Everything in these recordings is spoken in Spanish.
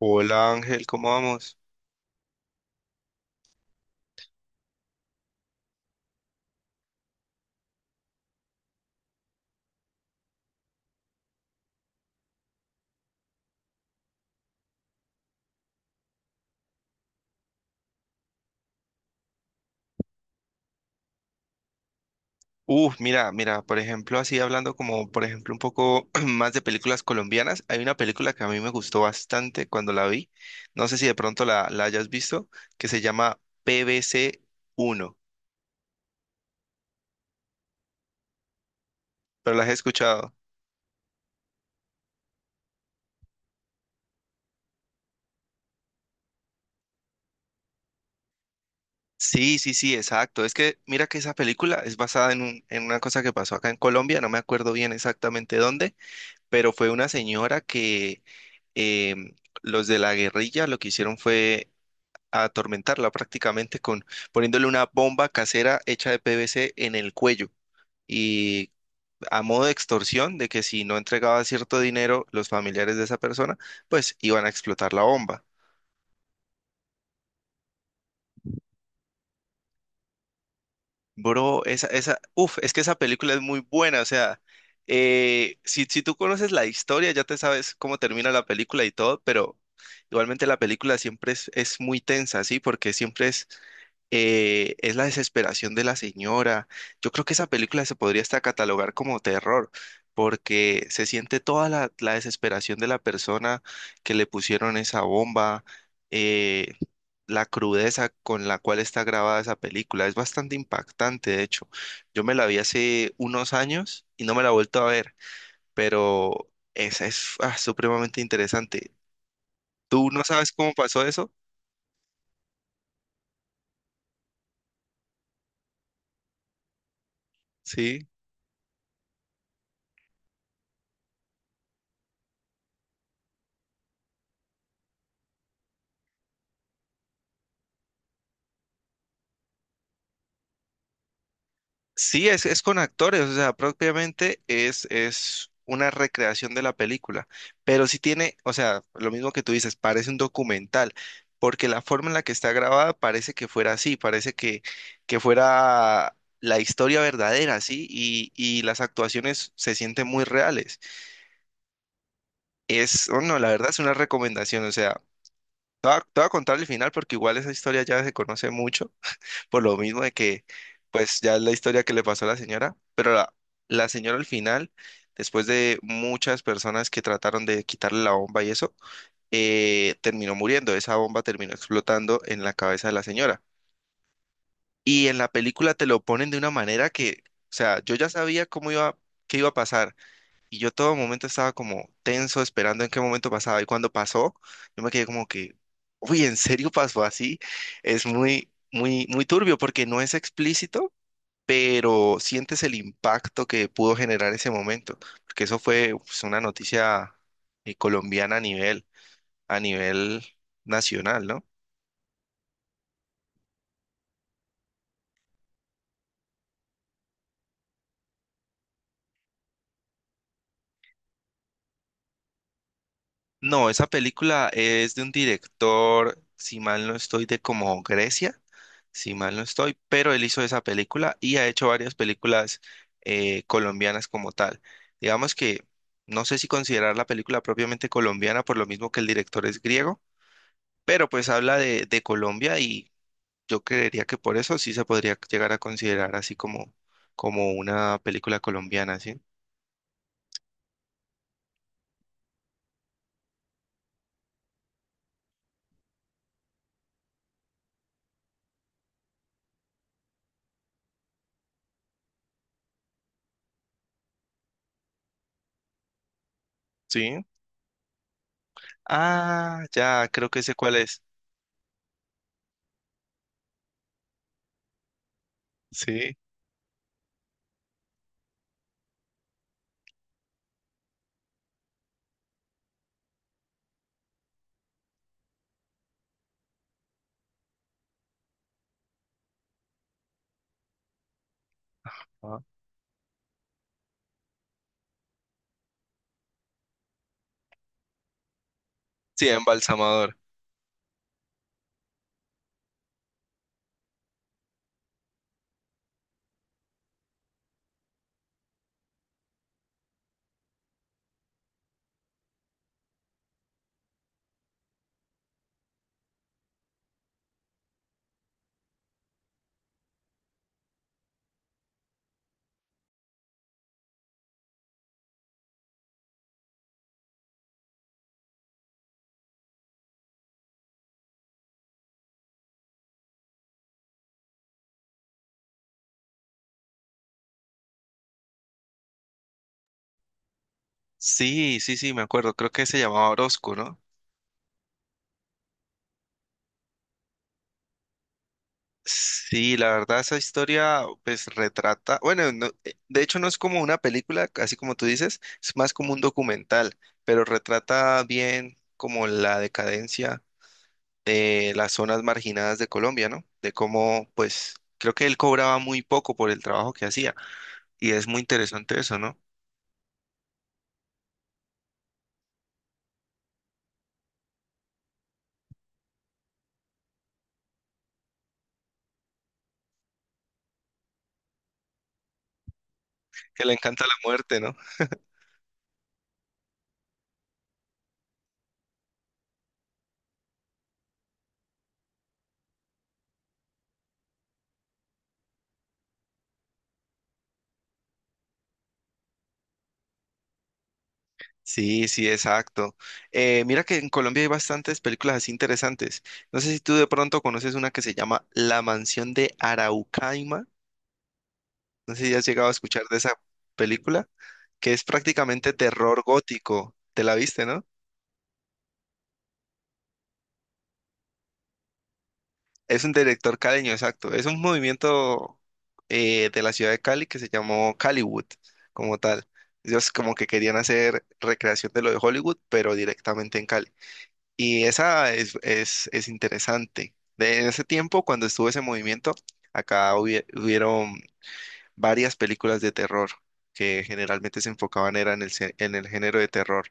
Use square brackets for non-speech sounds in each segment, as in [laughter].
Hola Ángel, ¿cómo vamos? Uf, mira, mira, por ejemplo, así hablando como, por ejemplo, un poco [clears throat] más de películas colombianas, hay una película que a mí me gustó bastante cuando la vi, no sé si de pronto la hayas visto, que se llama PBC uno. Pero la has escuchado. Sí, sí, sí, exacto. Es que mira que esa película es basada en una cosa que pasó acá en Colombia, no me acuerdo bien exactamente dónde, pero fue una señora que em, los de la guerrilla lo que hicieron fue a atormentarla prácticamente con poniéndole una bomba casera hecha de PVC en el cuello y a modo de extorsión de que si no entregaba cierto dinero los familiares de esa persona, pues iban a explotar la bomba. Bro, uf, es que esa película es muy buena, o sea, si tú conoces la historia, ya te sabes cómo termina la película y todo, pero igualmente la película siempre es muy tensa, ¿sí? Porque siempre es la desesperación de la señora. Yo creo que esa película se podría hasta catalogar como terror, porque se siente toda la desesperación de la persona que le pusieron esa bomba. eh, la crudeza con la cual está grabada esa película. Es bastante impactante, de hecho. Yo me la vi hace unos años y no me la he vuelto a ver, pero esa es supremamente interesante. ¿Tú no sabes cómo pasó eso? Sí. Sí, es con actores, o sea, propiamente es una recreación de la película, pero sí tiene, o sea, lo mismo que tú dices, parece un documental, porque la forma en la que está grabada parece que fuera así, parece que fuera la historia verdadera, ¿sí? Y las actuaciones se sienten muy reales. Es, oh, no, la verdad es una recomendación, o sea, te voy a contar el final porque igual esa historia ya se conoce mucho, por lo mismo de que, pues ya es la historia que le pasó a la señora, pero la señora al final, después de muchas personas que trataron de quitarle la bomba y eso, terminó muriendo, esa bomba terminó explotando en la cabeza de la señora. Y en la película te lo ponen de una manera que, o sea, yo ya sabía cómo iba, qué iba a pasar, y yo todo momento estaba como tenso, esperando en qué momento pasaba, y cuando pasó, yo me quedé como que, uy, ¿en serio pasó así? Muy, muy turbio porque no es explícito, pero sientes el impacto que pudo generar ese momento, porque eso fue pues, una noticia colombiana a nivel nacional, ¿no? No, esa película es de un director, si mal no estoy, de como Grecia, si mal no estoy, pero él hizo esa película y ha hecho varias películas colombianas como tal. Digamos que no sé si considerar la película propiamente colombiana por lo mismo que el director es griego, pero pues habla de Colombia y yo creería que por eso sí se podría llegar a considerar así como una película colombiana, ¿sí? Sí. Ah, ya, creo que sé cuál es. Sí. Ah. Sí, Embalsamador. Sí, sí, sí, me acuerdo. Creo que se llamaba Orozco, ¿no? Sí, la verdad, esa historia pues retrata, bueno, de hecho no es como una película, así como tú dices, es más como un documental, pero retrata bien como la decadencia de las zonas marginadas de Colombia, ¿no? De cómo, pues, creo que él cobraba muy poco por el trabajo que hacía. Y es muy interesante eso, ¿no? Que le encanta la muerte, ¿no? Sí, sí, exacto. Mira que en Colombia hay bastantes películas así interesantes. No sé si tú de pronto conoces una que se llama La Mansión de Araucaima. No sé si has llegado a escuchar de esa película, que es prácticamente terror gótico. ¿Te la viste, no? Es un director caleño, exacto. Es un movimiento de la ciudad de Cali que se llamó Caliwood, como tal. Ellos como que querían hacer recreación de lo de Hollywood, pero directamente en Cali. Y esa es interesante. De en ese tiempo, cuando estuvo ese movimiento, acá hubieron varias películas de terror que generalmente se enfocaban era en en el género de terror.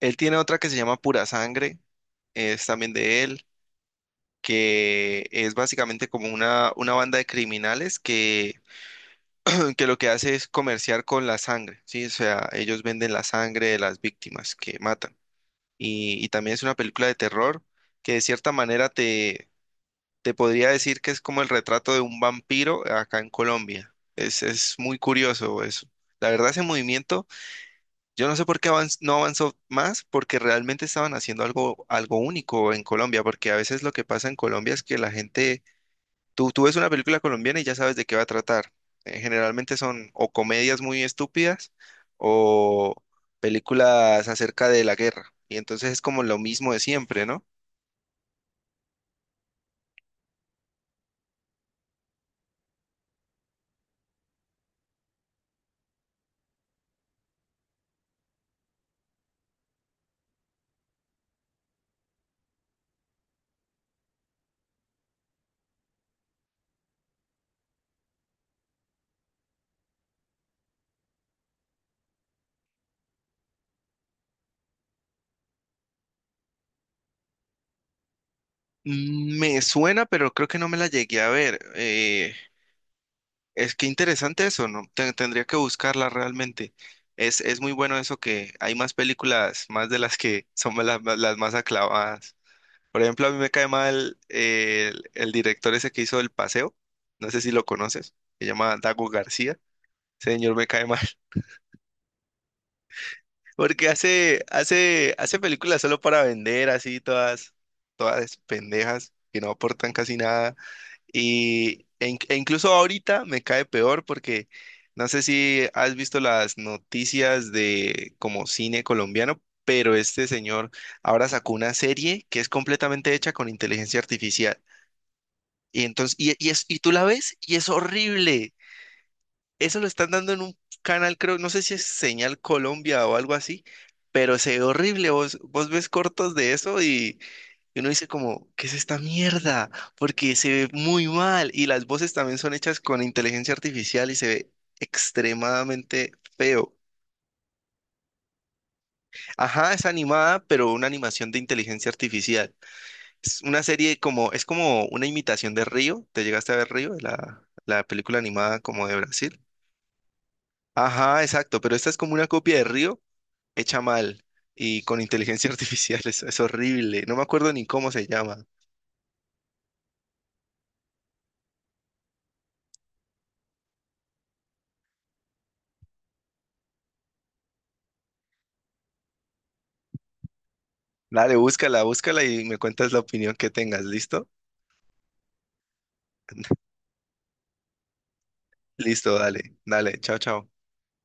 Él tiene otra que se llama Pura Sangre, es también de él. Que es básicamente como una banda de criminales que, [laughs] [clears throat] que lo que hace es comerciar con la sangre, ¿sí? O sea, ellos venden la sangre de las víctimas que matan. Y también es una película de terror que de cierta manera te podría decir que es como el retrato de un vampiro acá en Colombia. Es muy curioso eso. La verdad, ese movimiento, yo no sé por qué no avanzó más, porque realmente estaban haciendo algo, algo único en Colombia, porque a veces lo que pasa en Colombia es que la gente tú ves una película colombiana y ya sabes de qué va a tratar. Generalmente son o comedias muy estúpidas o películas acerca de la guerra. Y entonces es como lo mismo de siempre, ¿no? Me suena, pero creo que no me la llegué a ver. Es que interesante eso, ¿no? Tendría que buscarla realmente. Es muy bueno eso que hay más películas, más de las que son las más aclavadas. Por ejemplo, a mí me cae mal el director ese que hizo El Paseo, no sé si lo conoces, se llama Dago García. Ese señor me cae mal, [laughs] porque hace películas solo para vender, así todas, todas pendejas, que no aportan casi nada. E incluso ahorita me cae peor porque no sé si has visto las noticias de como cine colombiano, pero este señor ahora sacó una serie que es completamente hecha con inteligencia artificial. Y entonces, y tú la ves y es horrible. Eso lo están dando en un canal, creo, no sé si es Señal Colombia o algo así, pero se ve horrible. Vos ves cortos de eso y uno dice como, ¿qué es esta mierda? Porque se ve muy mal y las voces también son hechas con inteligencia artificial y se ve extremadamente feo. Ajá, es animada, pero una animación de inteligencia artificial. Es una serie como, es como una imitación de Río. ¿Te llegaste a ver Río? La película animada como de Brasil. Ajá, exacto, pero esta es como una copia de Río hecha mal y con inteligencia [laughs] artificial. Es horrible. No me acuerdo ni cómo se llama. Dale, búscala, búscala y me cuentas la opinión que tengas. ¿Listo? Listo, dale, dale, chao, chao.